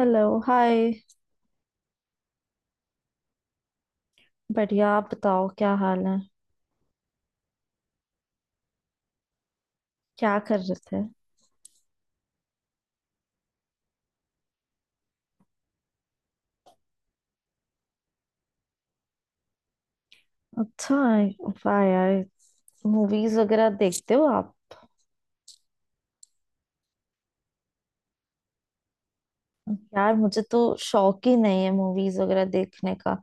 Hello hi. बढ़िया, आप बताओ, क्या हाल है? क्या कर रहे थे? अच्छा है, वाह यार। मूवीज वगैरह देखते हो आप? यार मुझे तो शौक ही नहीं है मूवीज वगैरह देखने का।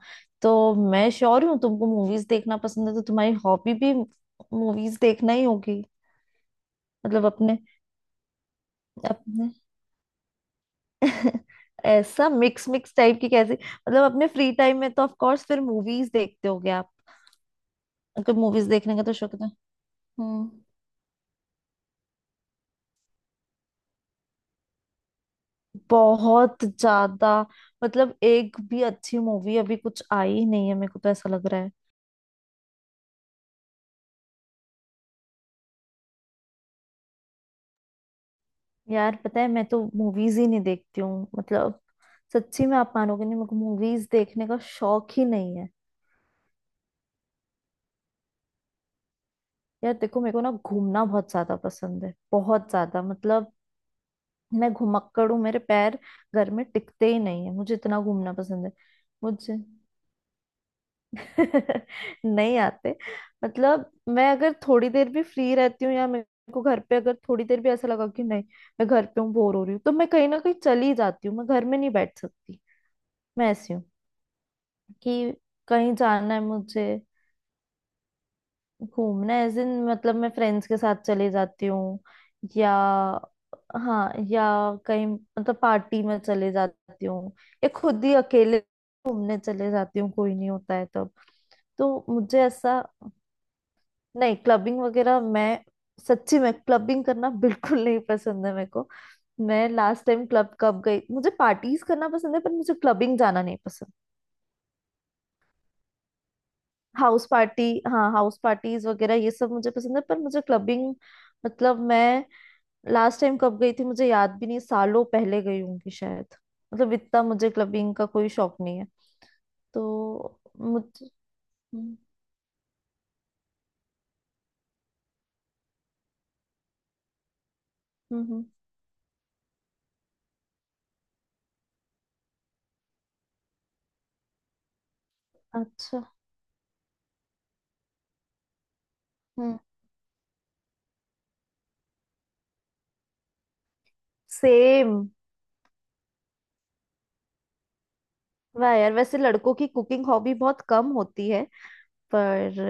तो मैं श्योर हूँ तुमको मूवीज देखना पसंद है, तो तुम्हारी हॉबी भी मूवीज देखना ही होगी। मतलब अपने अपने ऐसा मिक्स मिक्स टाइप की कैसी? मतलब अपने फ्री टाइम में तो ऑफ कोर्स फिर मूवीज देखते होगे आप। अगर मूवीज देखने का तो शौक है हम्म। बहुत ज्यादा। मतलब एक भी अच्छी मूवी अभी कुछ आई ही नहीं है, मेरे को तो ऐसा लग रहा है। यार पता है, मैं तो मूवीज ही नहीं देखती हूँ मतलब। सच्ची में आप मानोगे नहीं, मेरे को मूवीज देखने का शौक ही नहीं है। यार देखो, मेरे को ना घूमना बहुत ज्यादा पसंद है, बहुत ज्यादा मतलब। मैं घुमक्कड़ हूँ, मेरे पैर घर में टिकते ही नहीं है, मुझे इतना घूमना पसंद है। मुझे नहीं आते। मतलब मैं अगर थोड़ी देर भी फ्री रहती हूँ, या मेरे को घर पे अगर थोड़ी देर भी ऐसा लगा कि नहीं, मैं घर पे हूँ बोर हो रही हूँ, तो मैं कहीं ना कहीं चली जाती हूँ। मैं घर में नहीं बैठ सकती। मैं ऐसी हूँ कि कहीं जाना है मुझे, घूमना है दिन। मतलब मैं फ्रेंड्स के साथ चली जाती हूँ, या हाँ, या कहीं मतलब पार्टी में चले जाती हूँ, या खुद ही अकेले घूमने चले जाती हूँ कोई नहीं होता है तब। तो मुझे ऐसा, नहीं, क्लबिंग वगैरह मैं सच्ची में क्लबिंग करना बिल्कुल नहीं पसंद है मेरे को। मैं लास्ट टाइम क्लब कब गई, मुझे पार्टीज करना पसंद है पर मुझे क्लबिंग जाना नहीं पसंद। हाउस पार्टी, हाँ हाउस पार्टीज वगैरह ये सब मुझे पसंद है, पर मुझे क्लबिंग मतलब मैं लास्ट टाइम कब गई थी मुझे याद भी नहीं, सालों पहले गई होंगी शायद। मतलब इतना मुझे क्लबिंग का कोई शौक नहीं है, तो मुझे। हम्म, हम्म, हम्म। अच्छा। हम्म। सेम। वाह यार, वैसे लड़कों की कुकिंग हॉबी बहुत कम होती है, पर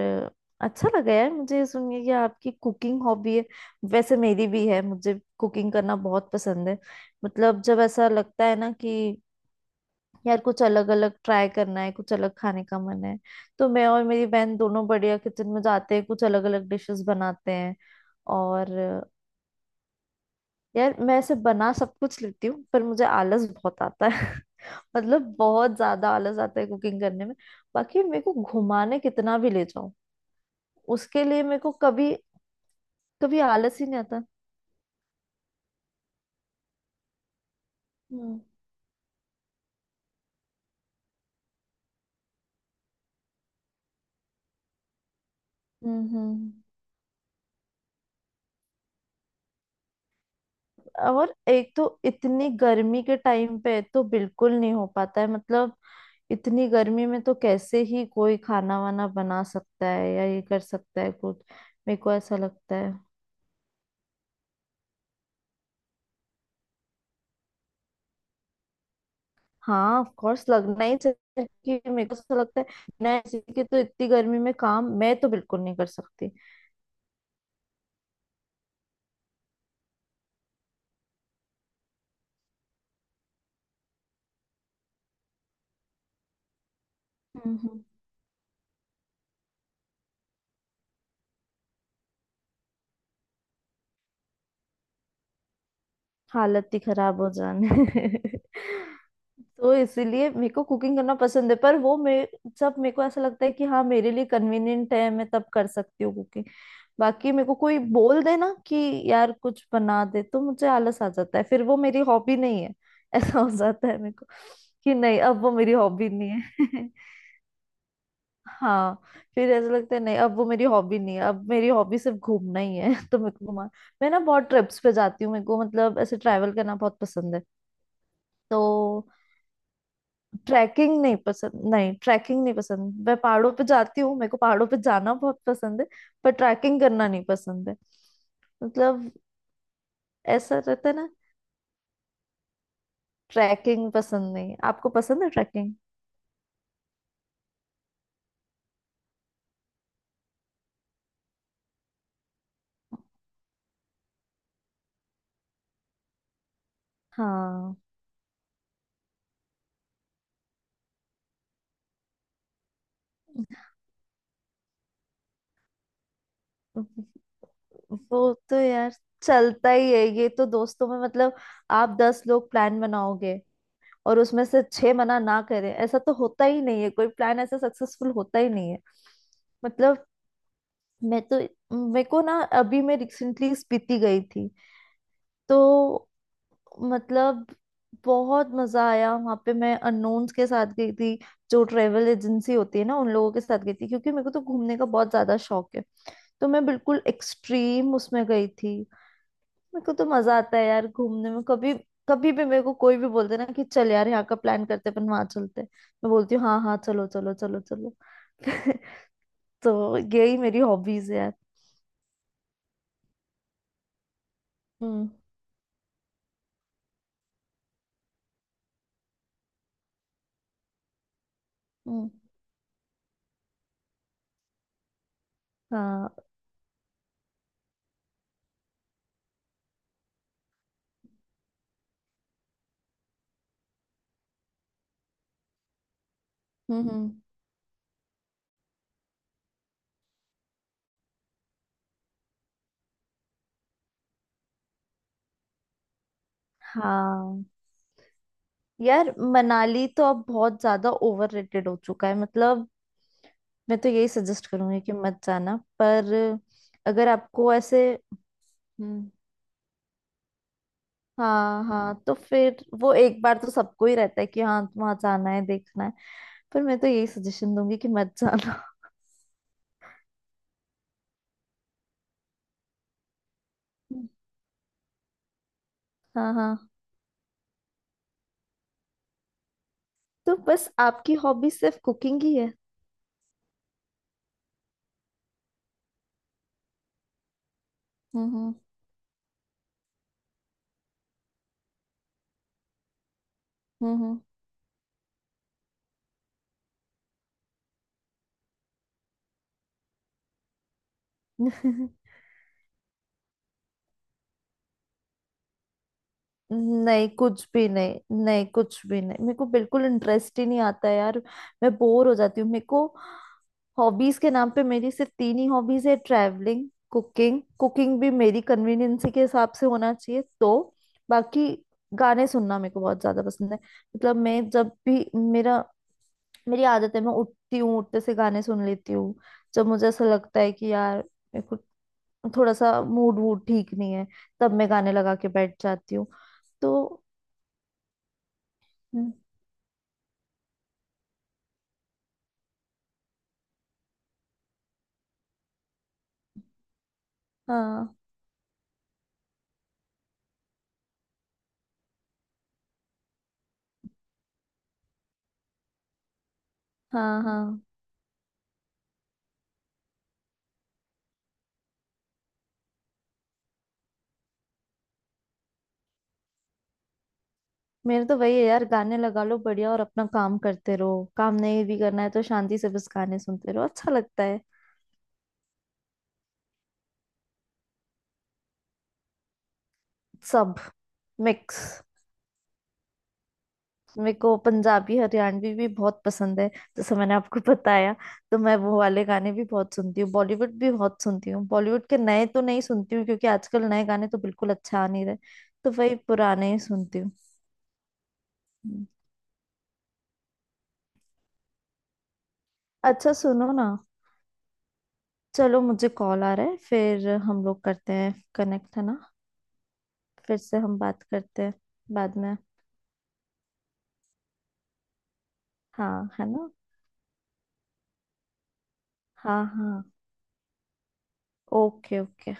अच्छा लगा यार मुझे ये सुन के कि आपकी कुकिंग हॉबी है। वैसे मेरी भी है, मुझे कुकिंग करना बहुत पसंद है। मतलब जब ऐसा लगता है ना कि यार कुछ अलग अलग ट्राई करना है, कुछ अलग खाने का मन है, तो मैं और मेरी बहन दोनों बढ़िया किचन में जाते हैं, कुछ अलग अलग डिशेस बनाते हैं। और यार मैं ऐसे बना सब कुछ लेती हूँ, पर मुझे आलस बहुत आता है मतलब बहुत ज्यादा आलस आता है कुकिंग करने में। बाकी मेरे को घुमाने कितना भी ले जाओ, उसके लिए मेरे को कभी कभी आलस ही नहीं आता। हम्म, हम्म, और एक तो इतनी गर्मी के टाइम पे तो बिल्कुल नहीं हो पाता है मतलब। इतनी गर्मी में तो कैसे ही कोई खाना वाना बना सकता है या ये कर सकता है कुछ, मेरे को ऐसा लगता है। हाँ ऑफ कोर्स, लगना ही चाहिए कि, मेरे को ऐसा लगता है। बिना एसी के तो इतनी गर्मी में काम मैं तो बिल्कुल नहीं कर सकती। हम्म। हालत ही खराब हो जाने तो इसीलिए मेरे को कुकिंग करना पसंद है, पर वो मेरे, जब मेरे को ऐसा लगता है कि हाँ मेरे लिए कन्वीनियंट है, मैं तब कर सकती हूँ कुकिंग। बाकी मेरे को कोई बोल दे ना कि यार कुछ बना दे, तो मुझे आलस आ जाता है, फिर वो मेरी हॉबी नहीं है ऐसा हो जाता है मेरे को कि नहीं, अब वो मेरी हॉबी नहीं है हाँ, फिर ऐसा लगता है नहीं अब वो मेरी हॉबी नहीं है, अब मेरी हॉबी सिर्फ घूमना ही है तो मेरे को घुमा, मैं ना बहुत ट्रिप्स पे जाती हूँ, मेरे को मतलब ऐसे ट्रैवल करना बहुत पसंद है तो। ट्रैकिंग नहीं पसंद, नहीं ट्रैकिंग नहीं पसंद, मैं पहाड़ों पे जाती हूँ, मेरे को पहाड़ों पे जाना बहुत पसंद है, पर ट्रैकिंग करना नहीं पसंद है। मतलब ऐसा रहता है ना, ट्रैकिंग पसंद नहीं, आपको पसंद है ट्रैकिंग? हाँ। वो तो यार चलता ही है ये तो दोस्तों में मतलब। आप दस लोग प्लान बनाओगे और उसमें से छह मना ना करें, ऐसा तो होता ही नहीं है, कोई प्लान ऐसा सक्सेसफुल होता ही नहीं है। मतलब, मैं तो, मेरे को ना, अभी मैं रिसेंटली स्पीति गई थी तो, मतलब बहुत मजा आया वहां पे। मैं अननोन्स के साथ गई थी, जो ट्रेवल एजेंसी होती है ना उन लोगों के साथ गई थी क्योंकि मेरे को तो घूमने का बहुत ज्यादा शौक है। तो मैं बिल्कुल एक्सट्रीम उसमें गई थी। मेरे को तो मजा आता है यार घूमने में। कभी कभी भी मेरे को कोई भी बोलते ना कि चल यार यहाँ का प्लान करते हैं, अपन वहां चलते हैं। मैं बोलती हूँ हाँ हाँ, चलो चलो चलो चलो तो यही मेरी हॉबीज है यार। हम्म, हम्म। हाँ। हम्म, हम्म। हाँ यार, मनाली तो अब बहुत ज्यादा ओवररेटेड हो चुका है मतलब। मैं तो यही सजेस्ट करूंगी कि मत जाना, पर अगर आपको ऐसे। हम्म। हाँ हाँ, तो फिर वो एक बार तो सबको ही रहता है कि हाँ वहां जाना है देखना है, पर मैं तो यही सजेशन दूंगी कि मत जाना। हम्म। हाँ हाँ, तो बस आपकी हॉबी सिर्फ कुकिंग ही है? हम्म, हम्म, हम्म। नहीं कुछ भी नहीं, नहीं कुछ भी नहीं, मेरे को बिल्कुल इंटरेस्ट ही नहीं आता यार, मैं बोर हो जाती हूँ मेरे को। हॉबीज के नाम पे मेरी सिर्फ तीन ही हॉबीज है, ट्रैवलिंग, कुकिंग, कुकिंग भी मेरी कन्वीनियंस के हिसाब से होना चाहिए तो। बाकी गाने सुनना मेरे को बहुत ज्यादा पसंद है। मतलब मैं जब भी, मेरा, मेरी आदत है मैं उठती हूँ उठते से गाने सुन लेती हूँ। जब मुझे ऐसा लगता है कि यार, मेरे को थोड़ा सा मूड वूड ठीक नहीं है, तब मैं गाने लगा के बैठ जाती हूँ तो। हाँ, हाँ, हाँ। मेरे तो वही है यार, गाने लगा लो बढ़िया और अपना काम करते रहो, काम नहीं भी करना है तो शांति से बस गाने सुनते रहो, अच्छा लगता है। सब मिक्स। मेरे को पंजाबी हरियाणवी भी बहुत पसंद है, जैसे मैंने आपको बताया, तो मैं वो वाले गाने भी बहुत सुनती हूँ, बॉलीवुड भी बहुत सुनती हूँ। बॉलीवुड के नए तो नहीं सुनती हूँ, क्योंकि आजकल नए गाने तो बिल्कुल अच्छा आ नहीं रहे, तो वही पुराने ही सुनती हूँ। हम्म। अच्छा सुनो ना, चलो मुझे कॉल आ रहा है, फिर हम लोग करते हैं कनेक्ट, है ना? फिर से हम बात करते हैं बाद में। हाँ है ना, हाँ हाँ, ओके ओके।